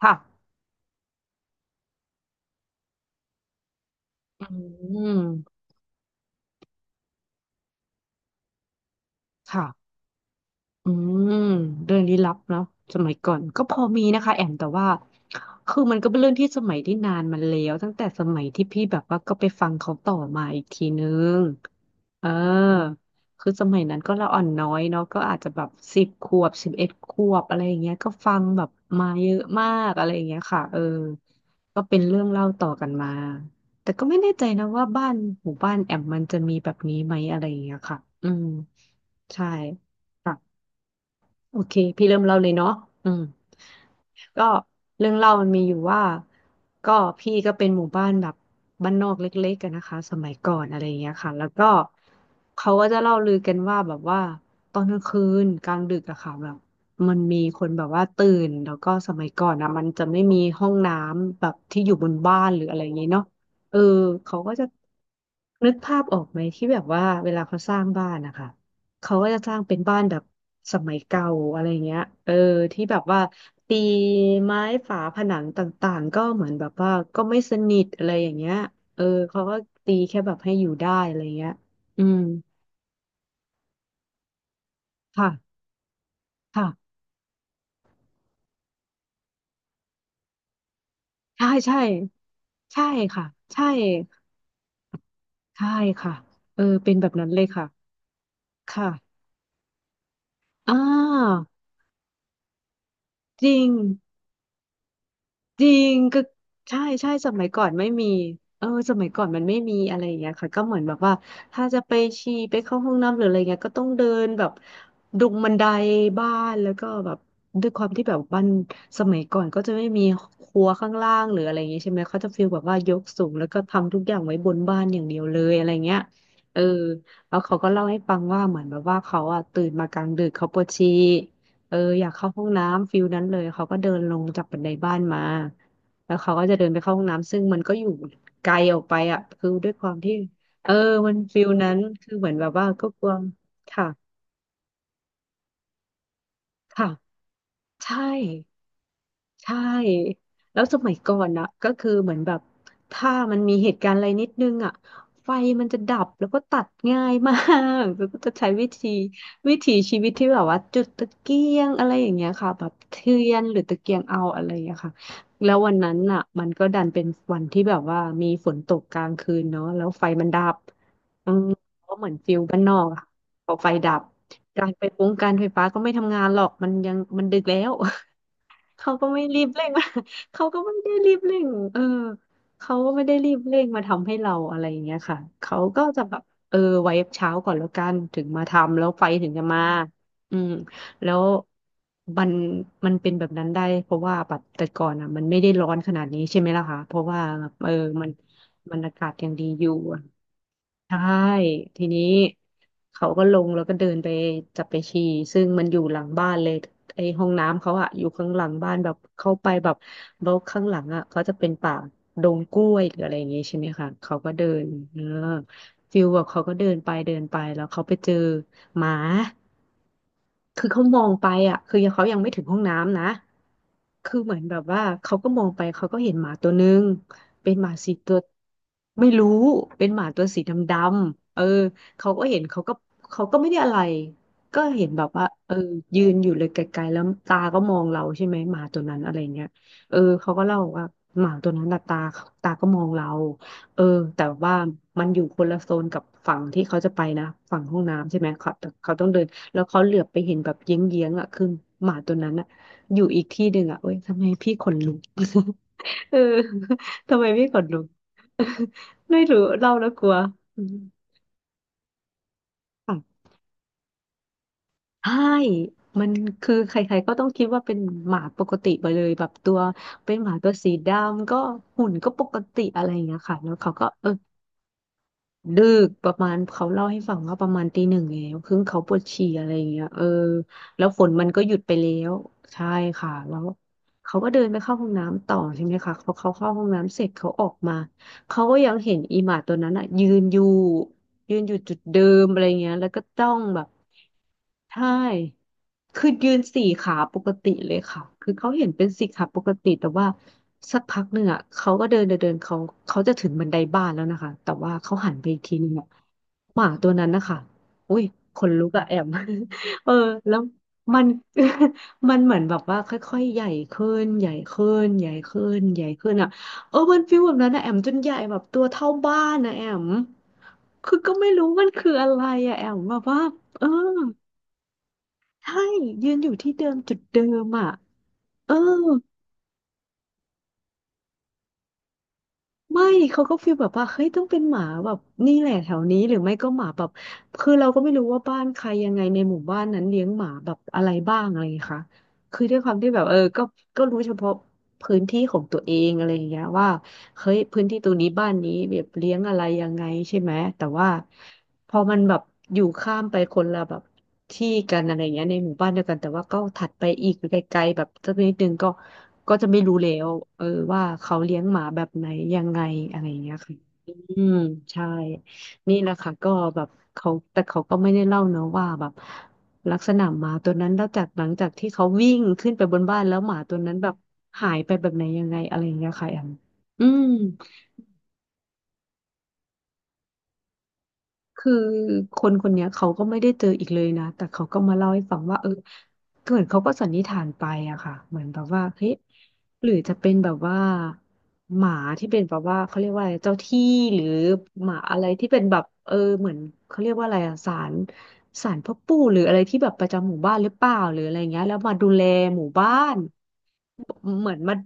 ค่ะอืมค่ะ อืมเรื่องลี้ลับเนาะสมัยก่อนก็พอมีนะคะแอมแต่ว่าคือมันก็เป็นเรื่องที่สมัยที่นานมันแล้วตั้งแต่สมัยที่พี่แบบว่าก็ไปฟังเขาต่อมาอีกทีนึงเออคือสมัยนั้นก็ละอ่อนน้อยเนาะก็อาจจะแบบ10 ขวบ11 ขวบอะไรอย่างเงี้ยก็ฟังแบบมาเยอะมากอะไรอย่างเงี้ยค่ะเออก็เป็นเรื่องเล่าต่อกันมาแต่ก็ไม่แน่ใจนะว่าบ้านหมู่บ้านแอมมันจะมีแบบนี้ไหมอะไรอย่างเงี้ยค่ะอืมใช่ โอเคพี่เริ่มเล่าเลยเนาะอืมก็เรื่องเล่ามันมีอยู่ว่าก็พี่ก็เป็นหมู่บ้านแบบบ้านนอกเล็กๆกันนะคะสมัยก่อนอะไรอย่างเงี้ยค่ะแล้วก็เขาก็จะเล่าลือกันว่าแบบว่าตอนกลางคืนกลางดึกอะค่ะแบบมันมีคนแบบว่าตื่นแล้วก็สมัยก่อนอะมันจะไม่มีห้องน้ำแบบที่อยู่บนบ้านหรืออะไรอย่างเงี้ยเนาะเออเขาก็จะนึกภาพออกไหมที่แบบว่าเวลาเขาสร้างบ้านนะคะ เขาก็จะสร้างเป็นบ้านแบบสมัยเก่าอะไรเงี้ยเออที่แบบว่าตีไม้ฝาผนังต่างๆก็เหมือนแบบว่าก็ไม่สนิทอะไรอย่างเงี้ยเออเขาก็ตีแค่แบบให้อยู่ได้อะไรเงี้ยอืมค่ะค่ะใช่ใช่ ใช่ค่ะใช่ใช่ค่ะเออเป็นแบบนั้นเลยค่ะค่ะอ่าจริง จริงก็ใช่ใช่สมัยก่อนไม่มีเออสมัยก่อนมันไม่มีอะไรอย่างเงี้ยค่ะก็เหมือนแบบว่าถ้าจะไปฉี่ไปเข้าห้องน้ำหรืออะไรเงี้ยก็ต้องเดินแบบดุงบันไดบ้านแล้วก็แบบด้วยความที่แบบบ้านสมัยก่อนก็จะไม่มีครัวข้างล่างหรืออะไรอย่างเงี้ยใช่ไหมเขาจะฟีลแบบว่ายกสูงแล้วก็ทำทุกอย่างไว้บนบ้านอย่างเดียวเลยอะไรเงี้ยเออแล้วเขาก็เล่าให้ฟังว่าเหมือนแบบว่าเขาอะตื่นมากลางดึกเขาปวดฉี่ เอออยากเข้าห้องน้ำฟิลนั้นเลยเขาก็เดินลงจากบันไดบ้านมาแล้วเขาก็จะเดินไปเข้าห้องน้ำซึ่งมันก็อยู่ไกลออกไปอ่ะคือด้วยความที่เออมันฟิลนั้นคือเหมือนแบบว่าก็กลัวค่ะค่ะใช่ ใช่แล้วสมัยก่อนนะก็คือเหมือนแบบถ้ามันมีเหตุการณ์อะไรนิดนึงอ่ะไฟมันจะดับแล้วก็ตัดง่ายมาก แล้วก็จะใช้วิธีวิถีชีวิตที่แบบว่าจุดตะเกียงอะไรอย่างเงี้ยค่ะแบบเทียนหรือตะเกียงเอาอะไรอย่างเงี้ยค่ะแล้ววันนั้นอ่ะมันก็ดันเป็นวันที่แบบว่ามีฝนตกกลางคืนเนาะแล้วไฟมันดับอืมก็เหมือนฟิลบ้านนอกอะพอไฟดับการไฟฟ้าก็ไม่ทำงานหรอกมันยังมันดึกแล้ว เขาก็ไม่รีบเร่ง เขาก็ไม่ได้รีบเร่งเออเขาก็ไม่ได้รีบเร่งมาทำให้เราอะไรอย่างเงี้ยค่ะเขาก็จะแบบเออไว้เช้าก่อนแล้วกัน ถึงมาทำแล้วไฟถึงจะมาอืมแล้วมันมันเป็นแบบนั้นได้ เพราะว่าแบบแต่ก่อนอ่ะมันไม่ได้ร้อนขนาดนี้ใช่ไหมล่ะคะเพราะว่าเออมันมันอากาศยังดีอยู่ ใช่ทีนี้เขาก็ลงแล้วก็เดินไปจับไปฉี่ซึ่งมันอยู่หลังบ้านเลยไอ้ห้องน้ำเขาอะอยู่ข้างหลังบ้านแบบเข้าไปแบบรกข้างหลังอะเขาจะเป็นป่าดงกล้วยหรืออะไรอย่างงี้ใช่ไหมคะเขาก็เดินเออฟิลแบบเขาก็เดินไปเดินไปแล้วเขาไปเจอหมา คือเขามองไปอ่ะคือยังเขายังไม่ถึงห้องน้ำนะคือเหมือนแบบว่าเขาก็มองไปเขาก็เห็นหมาตัวนึงเป็นหมาสีตัวไม่รู้เป็นหมาตัวสีดำๆเออเขาก็เห็นเขาก็ไม่ได้อะไรก็เห็นแบบว่าเออยืนอยู่เลยไกลๆแล้วตาก็มองเราใช่ไหมหมาตัวนั้นอะไรเงี้ยเออเขาก็เล่าว่าหมาตัวนั้นน่ะตาก็มองเราเออแต่ว่ามันอยู่คนละโซนกับฝั่งที่เขาจะไปนะฝั่งห้องน้ำใช่ไหมเขาต้องเดิน แล้วเขาเหลือบไปเห็นแบบเยื้องๆอ่ะคือหมาตัวนั้นอ่ะอยู่อีกที่หนึ่งอ่ะเว้ยทำไมพี่ขนลุก เออทำไมพี่ขนลุก ไม่รู้เล่าแล้วกลัวอืมค่ะใช่มันคือใครๆก็ต้องคิดว่าเป็นหมาปกติไปเลยแบบตัวเป็นหมาตัวสีดำก็หุ่นก็ปกติอะไรอย่างเงี้ยค่ะแล้วเขาก็เออ ดึกประมาณเขาเล่าให้ฟังว่าประมาณตีหนึ่งแล้วคือเขาปวดฉี่อะไรอย่างเงี้ยเออแล้วฝนมันก็หยุดไปแล้วใช่ค่ะแล้วเขาก็เดินไปเข้าห้องน้ำต่อใช่ไหมคะพอเขาเข้าห้องน้ำเสร็จเขาออกมาเขาก็ยังเห็นอีหมาตัวนั้นอ่ะยืนอยู่ยืนอยู่จุดเดิมอะไรเงี้ยแล้วก็จ้องแบบ ใช่คือยืนสี่ขาปกติเลยค่ะคือเขาเห็นเป็นสี่ขาปกติแต่ว่าสักพักหนึ่งอ่ะเขาก็เดินเดินเดินเขาจะถึงบันไดบ้านแล้วนะคะแต่ว่าเขาหันไปอีกทีนึงอ่ะหมาตัวนั้นนะคะอุ้ยขนลุกอะแอม เออแล้วมัน มันเหมือนแบบว่าค่อยๆใหญ่ขึ้นใหญ่ขึ้นใหญ่ขึ้นใหญ่ขึ้นอ่ะเออมันฟีลแบบนั้นนะแอมจนใหญ่แบบตัวเท่าบ้านนะแอมคือก็ไม่รู้มันคืออะไรอะแอมแบบว่าเออ ใช่ยืนอยู่ที่เดิมจุดเดิมอ่ะเออไม่เขาก็ฟีลแบบว่าเฮ้ยต้องเป็นหมาแบบนี่แหละแถวนี้หรือไม่ก็หมาแบบคือเราก็ไม่รู้ว่าบ้านใครยังไงในหมู่บ้านนั้นเลี้ยงหมาแบบอะไรบ้างอะไรอย่างเงี้ยค่ะคือด้วยความที่แบบเออก็รู้เฉพาะพื้นที่ของตัวเองอะไรอย่างเงี้ยว่า เฮ้ยพื้นที่ตรงนี้บ้านนี้แบบเลี้ยงอะไรยังไงใช่ไหมแต่ว่าพอมันแบบอยู่ข้ามไปคนละแบบที่กันอะไรเงี้ยในหมู่บ้านเดียวกันแต่ว่าก็ถัดไปอีกไกลๆแบบสักนิดนึงก็จะไม่รู้แล้วเออว่าเขาเลี้ยงหมาแบบไหนยังไงอะไรเงี้ยค่ะ อืมใช่นี่แหละค่ะก็แบบเขาแต่เขาก็ไม่ได้เล่าเนอะว่าแบบลักษณะหมาตัวนั้นแล้วจากหลังจากที่เขาวิ่งขึ้นไปบนบ้านแล้วหมาตัวนั้นแบบหายไปแบบไหนยังไงอะไรอย่างเงี้ยค่ะแอมอืม คือคนคนเนี้ยเขาก็ไม่ได้เจออีกเลยนะ แต่เขาก็มาเล่าให้ฟังว่าเออเหมือนเขาก็สันนิษฐานไปอะค่ะเหมือนแบบว่าเฮ้ยหรือจะเป็นแบบว่าหมาที่เป็นแบบว่าเขาเรียกว่าอะไรเจ้าที่หรือหมาอะไรที่เป็นแบบเออเหมือนเขาเรียกว่าอะไรอะศาลศาลพ่อปู่หรืออะไรที่แบบประจำหมู่บ้านหรือเปล่าหรืออะไรเงี้ยแล้วมาดูแลหมู่บ้าน เหมือนมัน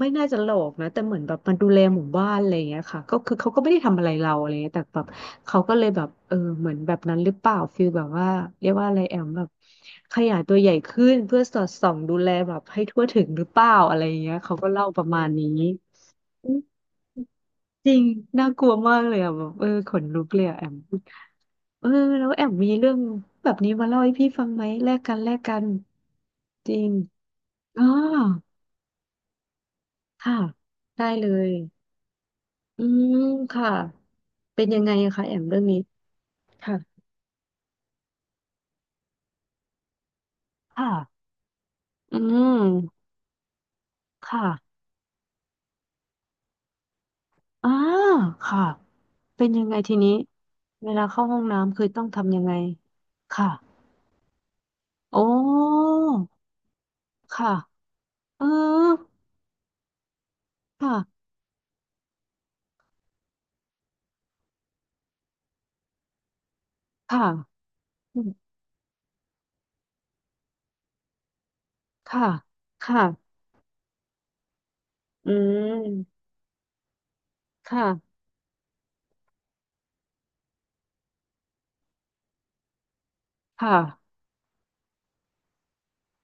ไม่น่าจะหลอกนะแต่เหมือนแบบมันดูแลหมู่บ้านอะไรอย่างเงี้ยค่ะก็คือเขาก็ไม่ได้ทำอะไรเราอะไรเงี้ยแต่แบบเขาก็เลยแบบเออเหมือนแบบนั้นหรือเปล่าฟีลแบบว่าเรียกว่าอะไรแอมแบบขยายตัวใหญ่ขึ้นเพื่อสอดส่องดูแลแบบให้ทั่วถึงหรือเปล่าอะไรอย่างเงี้ยเขาก็เล่าประมาณนี้อืมจริงน่ากลัวมากเลยอ่ะแบบเออขนลุกเลยอ่ะแอมเออแล้วแอมมีเรื่องแบบนี้มาเล่าให้พี่ฟังไหมแลกกันแลกกันจริงอ๋อค่ะได้เลย อืมค่ะเป็นยังไงอะคะแอมเรื่องนี้ค่ะค่ะอืมค่ะอ่าค่ะเป็นยังไงทีนี้เวลาเข้าห้องน้ำคือต้องทำยังไงค่ะโอ้ค่ะเออค่ะค่ะอืมค่ะค่ะอืมค่ะค่ะ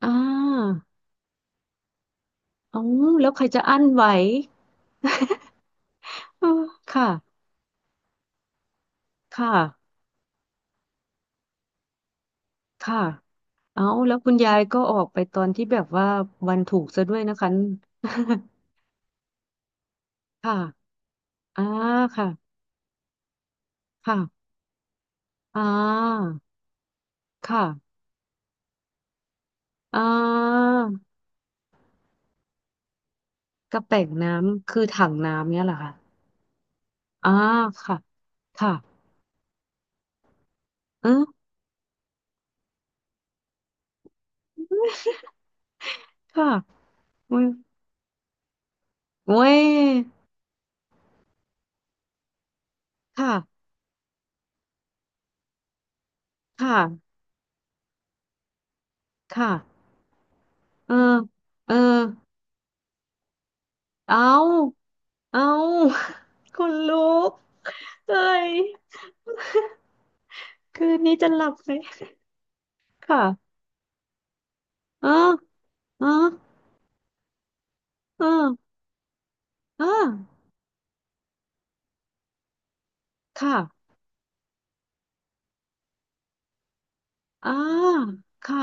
อ่าอ๋อแล้วใครจะอั้นไหว เออค่ะค่ะค่ะ เอ้าแล้วคุณยายก็ออกไปตอนที่แบบว่าวันถูกซะด้วยนะคะ ค่ะอ่าค่ะค่ะอ่าค่ะอ่ากระแป่งน้ำคือถังน้ำเนี่ยเหรอคะอ่าค่ะค่ะเออค่ะอุ้ยโอ้ยค่ะค่ะค่ะเออเออเอาเอา คนลุกเอ้ยคืนนี้จะหลับไหมค่ะเออเออเออ อ่าค่ะอ่าค่ะ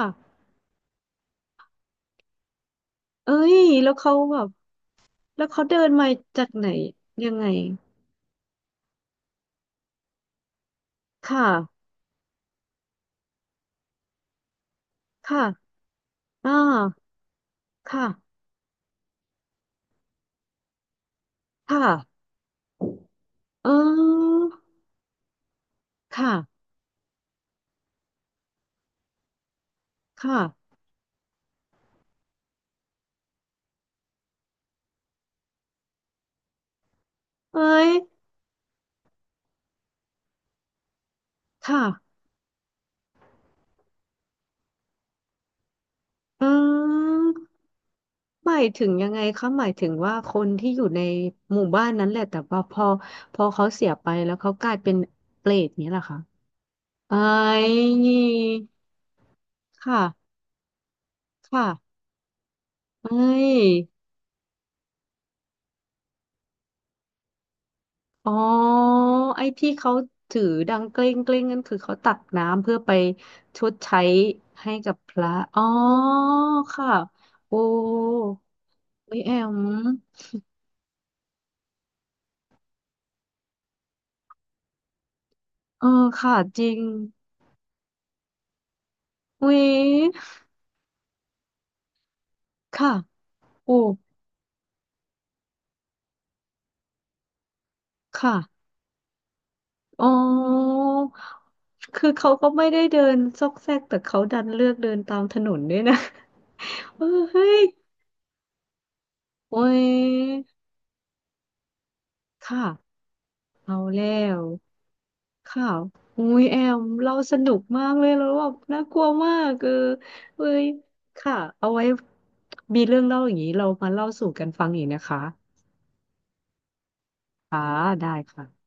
เอ้ยแล้วเขาแบบแล้วเขาเดินมาจากไหนยังไงค่ะค่ะอ่าค่ะค่ะเออค่ะค่ะเอ้ยค่ะอืมหมายถึงยังไงคะหมายถึงว่าคนที่อยู่ในหมู่บ้านนั้นแหละแต่ว่าพอเขาเสียไปแล้วเขากลายเป็นเปรตเนี้ยเหรอคะเอ้ยค่ะค่ะเอ้ย อ๋อไอ้ที่เขาถือดังเกล้งเกล้งนั่นคือเขาตักน้ำเพื่อไปชดใช้ให้กับพระอ๋อค่ะโอ้เฮ้ยแอมเออค่ะจริงเว้ยค่ะโอ้ค่ะอ๋อคือเขาก็ไม่ได้เดินซอกแซกแต่เขาดันเลือกเดินตามถนนด้วยนะ เออเฮ้ยโอ้ยค่ะเอาแล้ว ค่ะ อุ้ยแอมเราสนุกมากเลยแล้วแบบน่ากลัวมากเออเอ้ยค่ะ เอาไว้มีเรื่องเล่าอย่างนี้เรามาเล่าสู่กันฟังอีกนะคะค่ะได้ค่ะ